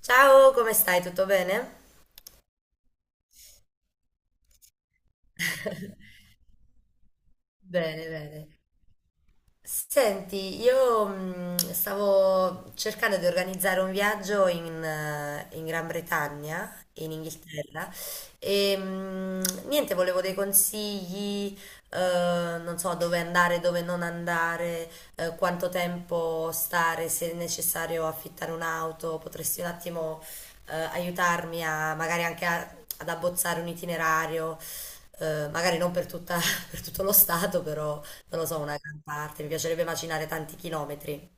Ciao, come stai? Tutto bene? Bene, bene. Senti, io stavo cercando di organizzare un viaggio in Gran Bretagna, in Inghilterra, e niente, volevo dei consigli, eh, non so dove andare, dove non andare, quanto tempo stare, se è necessario affittare un'auto. Potresti un attimo, aiutarmi a ad abbozzare un itinerario, magari non per tutta- per tutto lo stato, però non lo so, una gran parte? Mi piacerebbe macinare tanti chilometri.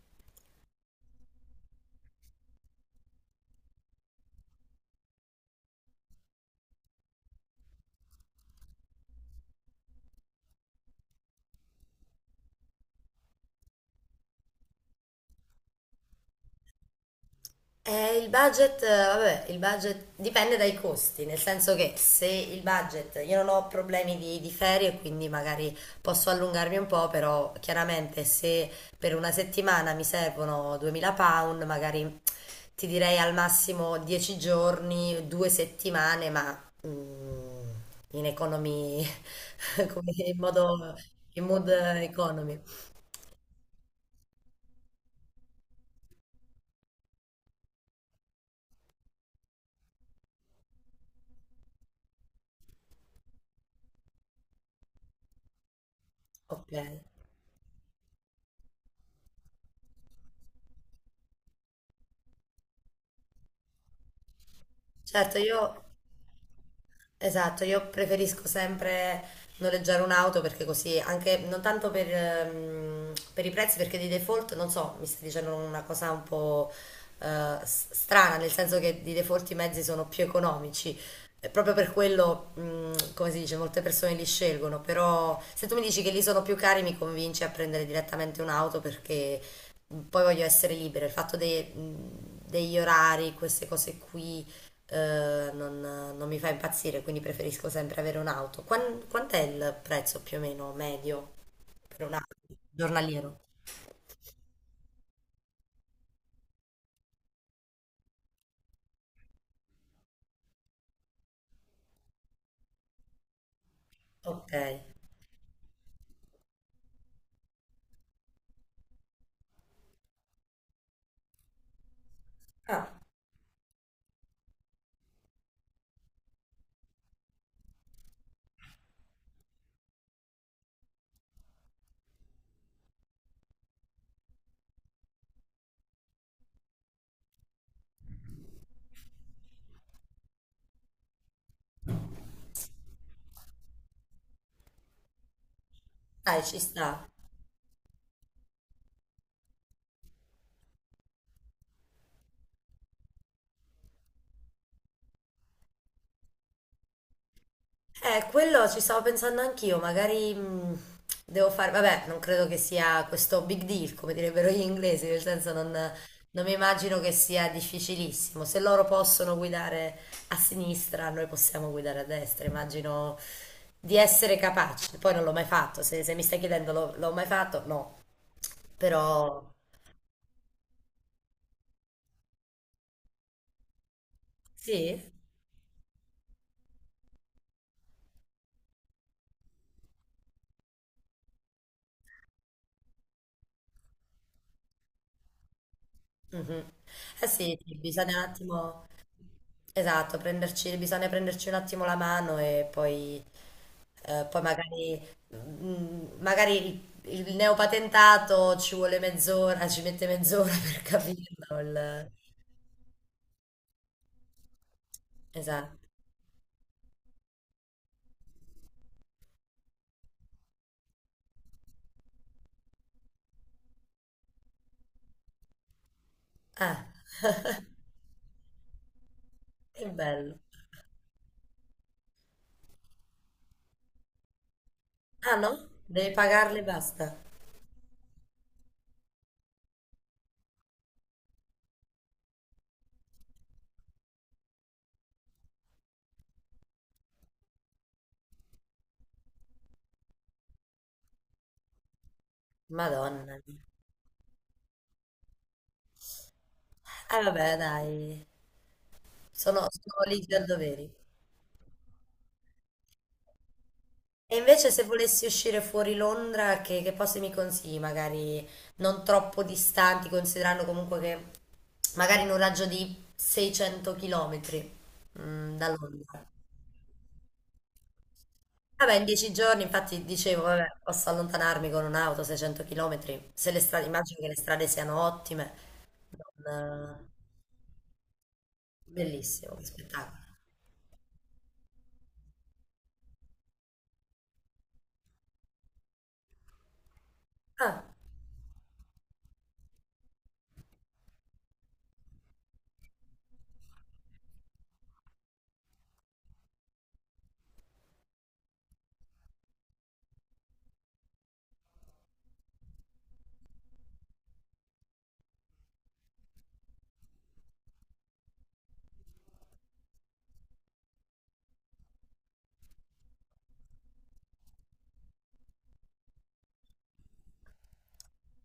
Il budget, vabbè, il budget dipende dai costi, nel senso che se il budget, io non ho problemi di ferie, quindi magari posso allungarmi un po', però chiaramente se per una settimana mi servono 2000 pound, magari ti direi al massimo 10 giorni, due settimane, ma mm, in economy, come in modo, in mood economy. Ok. Certo, io esatto, io preferisco sempre noleggiare un'auto perché così, anche non tanto per i prezzi, perché di default, non so, mi stai dicendo una cosa un po' strana, nel senso che di default i mezzi sono più economici. E proprio per quello, come si dice, molte persone li scelgono, però se tu mi dici che li sono più cari, mi convinci a prendere direttamente un'auto perché poi voglio essere libera. Degli orari, queste cose qui, non mi fa impazzire, quindi preferisco sempre avere un'auto. Quant'è il prezzo più o meno medio per un'auto giornaliero? Ok. Ah, dai, ci sta. Quello ci stavo pensando anch'io, magari devo fare, vabbè, non credo che sia questo big deal, come direbbero gli inglesi, nel senso non mi immagino che sia difficilissimo. Se loro possono guidare a sinistra, noi possiamo guidare a destra, immagino di essere capaci. Poi non l'ho mai fatto, se mi stai chiedendo l'ho mai fatto, no, però sì. Mhm. Eh sì, sì, bisogna un attimo, esatto, prenderci, bisogna prenderci un attimo la mano e poi eh, poi magari, mm, magari il neopatentato ci vuole mezz'ora, ci mette mezz'ora per capirlo. Il- esatto. Ah, che bello. Ah no? Devi pagarle e basta. Madonna. Ah vabbè, dai. Sono, sono ligi al doveri. E invece se volessi uscire fuori Londra, che posti mi consigli? Magari non troppo distanti, considerando comunque che magari in un raggio di 600 km da Londra. Vabbè, in 10 giorni, infatti dicevo, vabbè, posso allontanarmi con un'auto 600 km, se le strade, immagino che le strade siano ottime. Non, bellissimo, che spettacolo. Ah,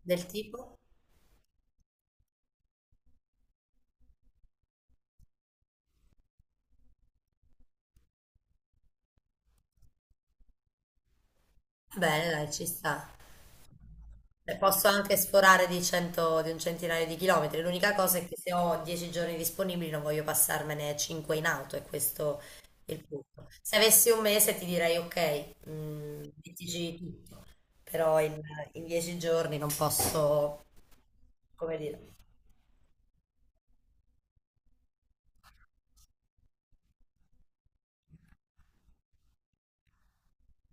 del tipo? Va bene, dai, ci sta. E posso anche sforare di, 100, di un centinaio di chilometri. L'unica cosa è che se ho 10 giorni disponibili non voglio passarmene 5 in auto, e questo è il punto. Se avessi un mese ti direi ok, mettici tutto, però in 10 giorni non posso, come dire.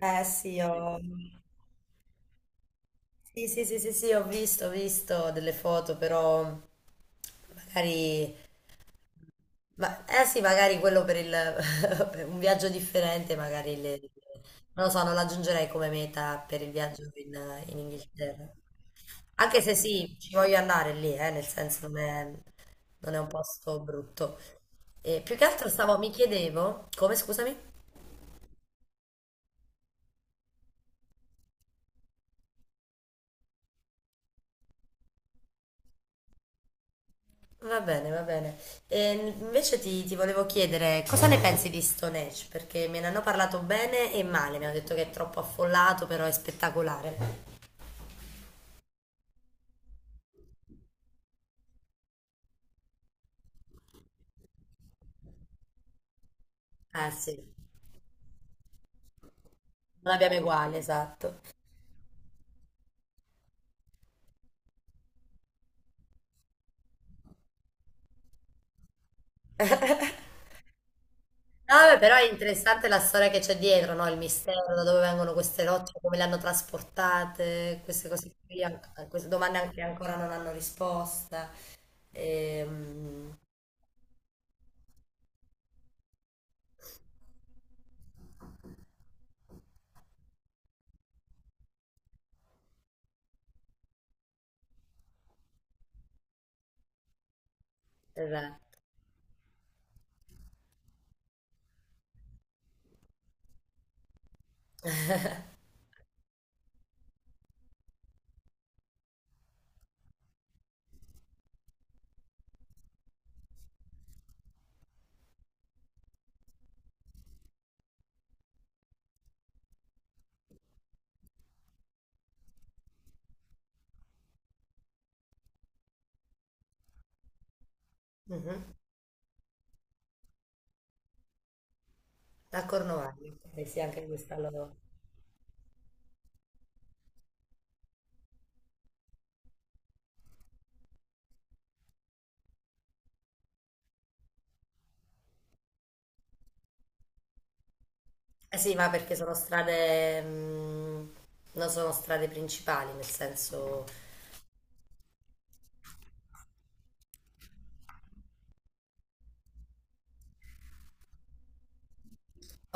Eh sì, ho... Sì, sì, sì, sì, sì, ho visto delle foto, però magari ma, eh sì, magari quello per il, per un viaggio differente, non lo so, non l'aggiungerei come meta per il viaggio in Inghilterra. Anche se sì, ci voglio andare lì, nel senso non è un posto brutto. E più che altro stavo, mi chiedevo, come scusami? Va bene, va bene. E invece ti volevo chiedere cosa ne pensi di Stonehenge? Perché me ne hanno parlato bene e male, mi hanno detto che è troppo affollato, però è spettacolare. Eh sì. Non abbiamo uguale, esatto. No, vabbè, però è interessante la storia che c'è dietro, no? Il mistero, da dove vengono queste rocce, come le hanno trasportate, queste cose qui, queste domande anche ancora non hanno risposta. Ehm, esatto. Mhm. A Cornovaglia, eh sì, anche questa loro. Eh sì, ma perché sono strade, non sono strade principali, nel senso...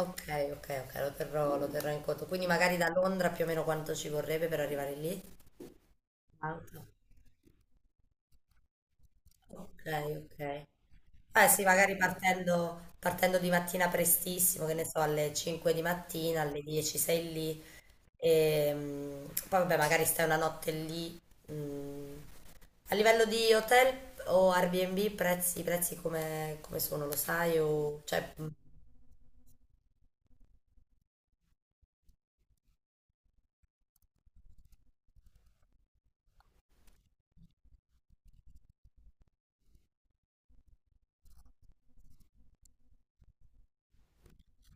Ok, ok, ok, lo terrò in conto. Quindi magari da Londra più o meno quanto ci vorrebbe per arrivare lì? Auto. Ok, ok. Eh sì, magari partendo, partendo di mattina prestissimo, che ne so, alle 5 di mattina, alle 10 sei lì, e poi vabbè, magari stai una notte lì. Mm. A livello di hotel o Airbnb, prezzi, prezzi come, come sono, lo sai? O, cioè, mm,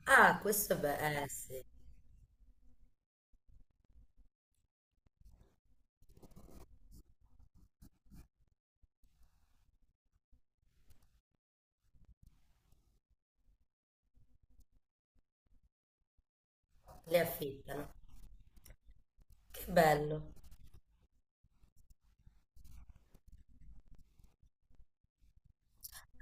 ah, questo è bello, eh sì, le affittano. Che bello.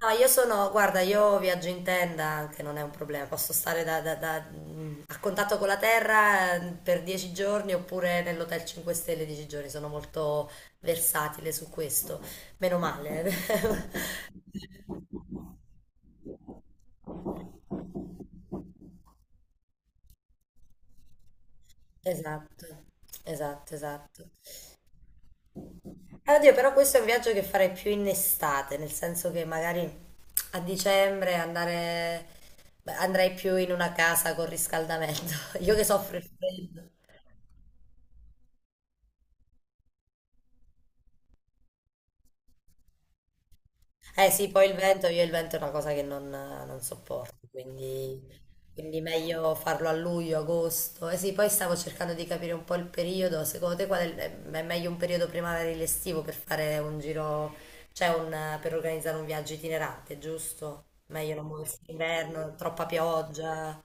No, io sono, guarda, io viaggio in tenda anche, non è un problema, posso stare a contatto con la terra per 10 giorni oppure nell'hotel 5 stelle 10 giorni, sono molto versatile su questo, meno male. Esatto, esatto, esatto. Oddio, però questo è un viaggio che farei più in estate, nel senso che magari a dicembre andare, beh, andrei più in una casa con riscaldamento, io che soffro il freddo. Eh sì, poi il vento, io il vento è una cosa che non sopporto, quindi, quindi meglio farlo a luglio, agosto. Eh sì, poi stavo cercando di capire un po' il periodo, secondo te qual è, è meglio un periodo primaverile estivo per fare un giro, cioè un, per organizzare un viaggio itinerante, giusto? Meglio non muoversi in inverno, troppa pioggia.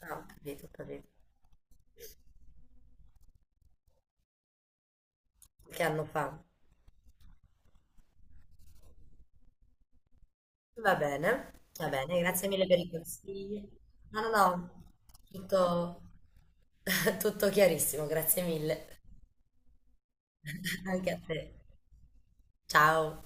Ah, ho capito, ho capito. Che anno fa? Va bene, va bene, grazie mille per i consigli. No, no, no, tutto, tutto chiarissimo, grazie mille. Anche a te. Ciao.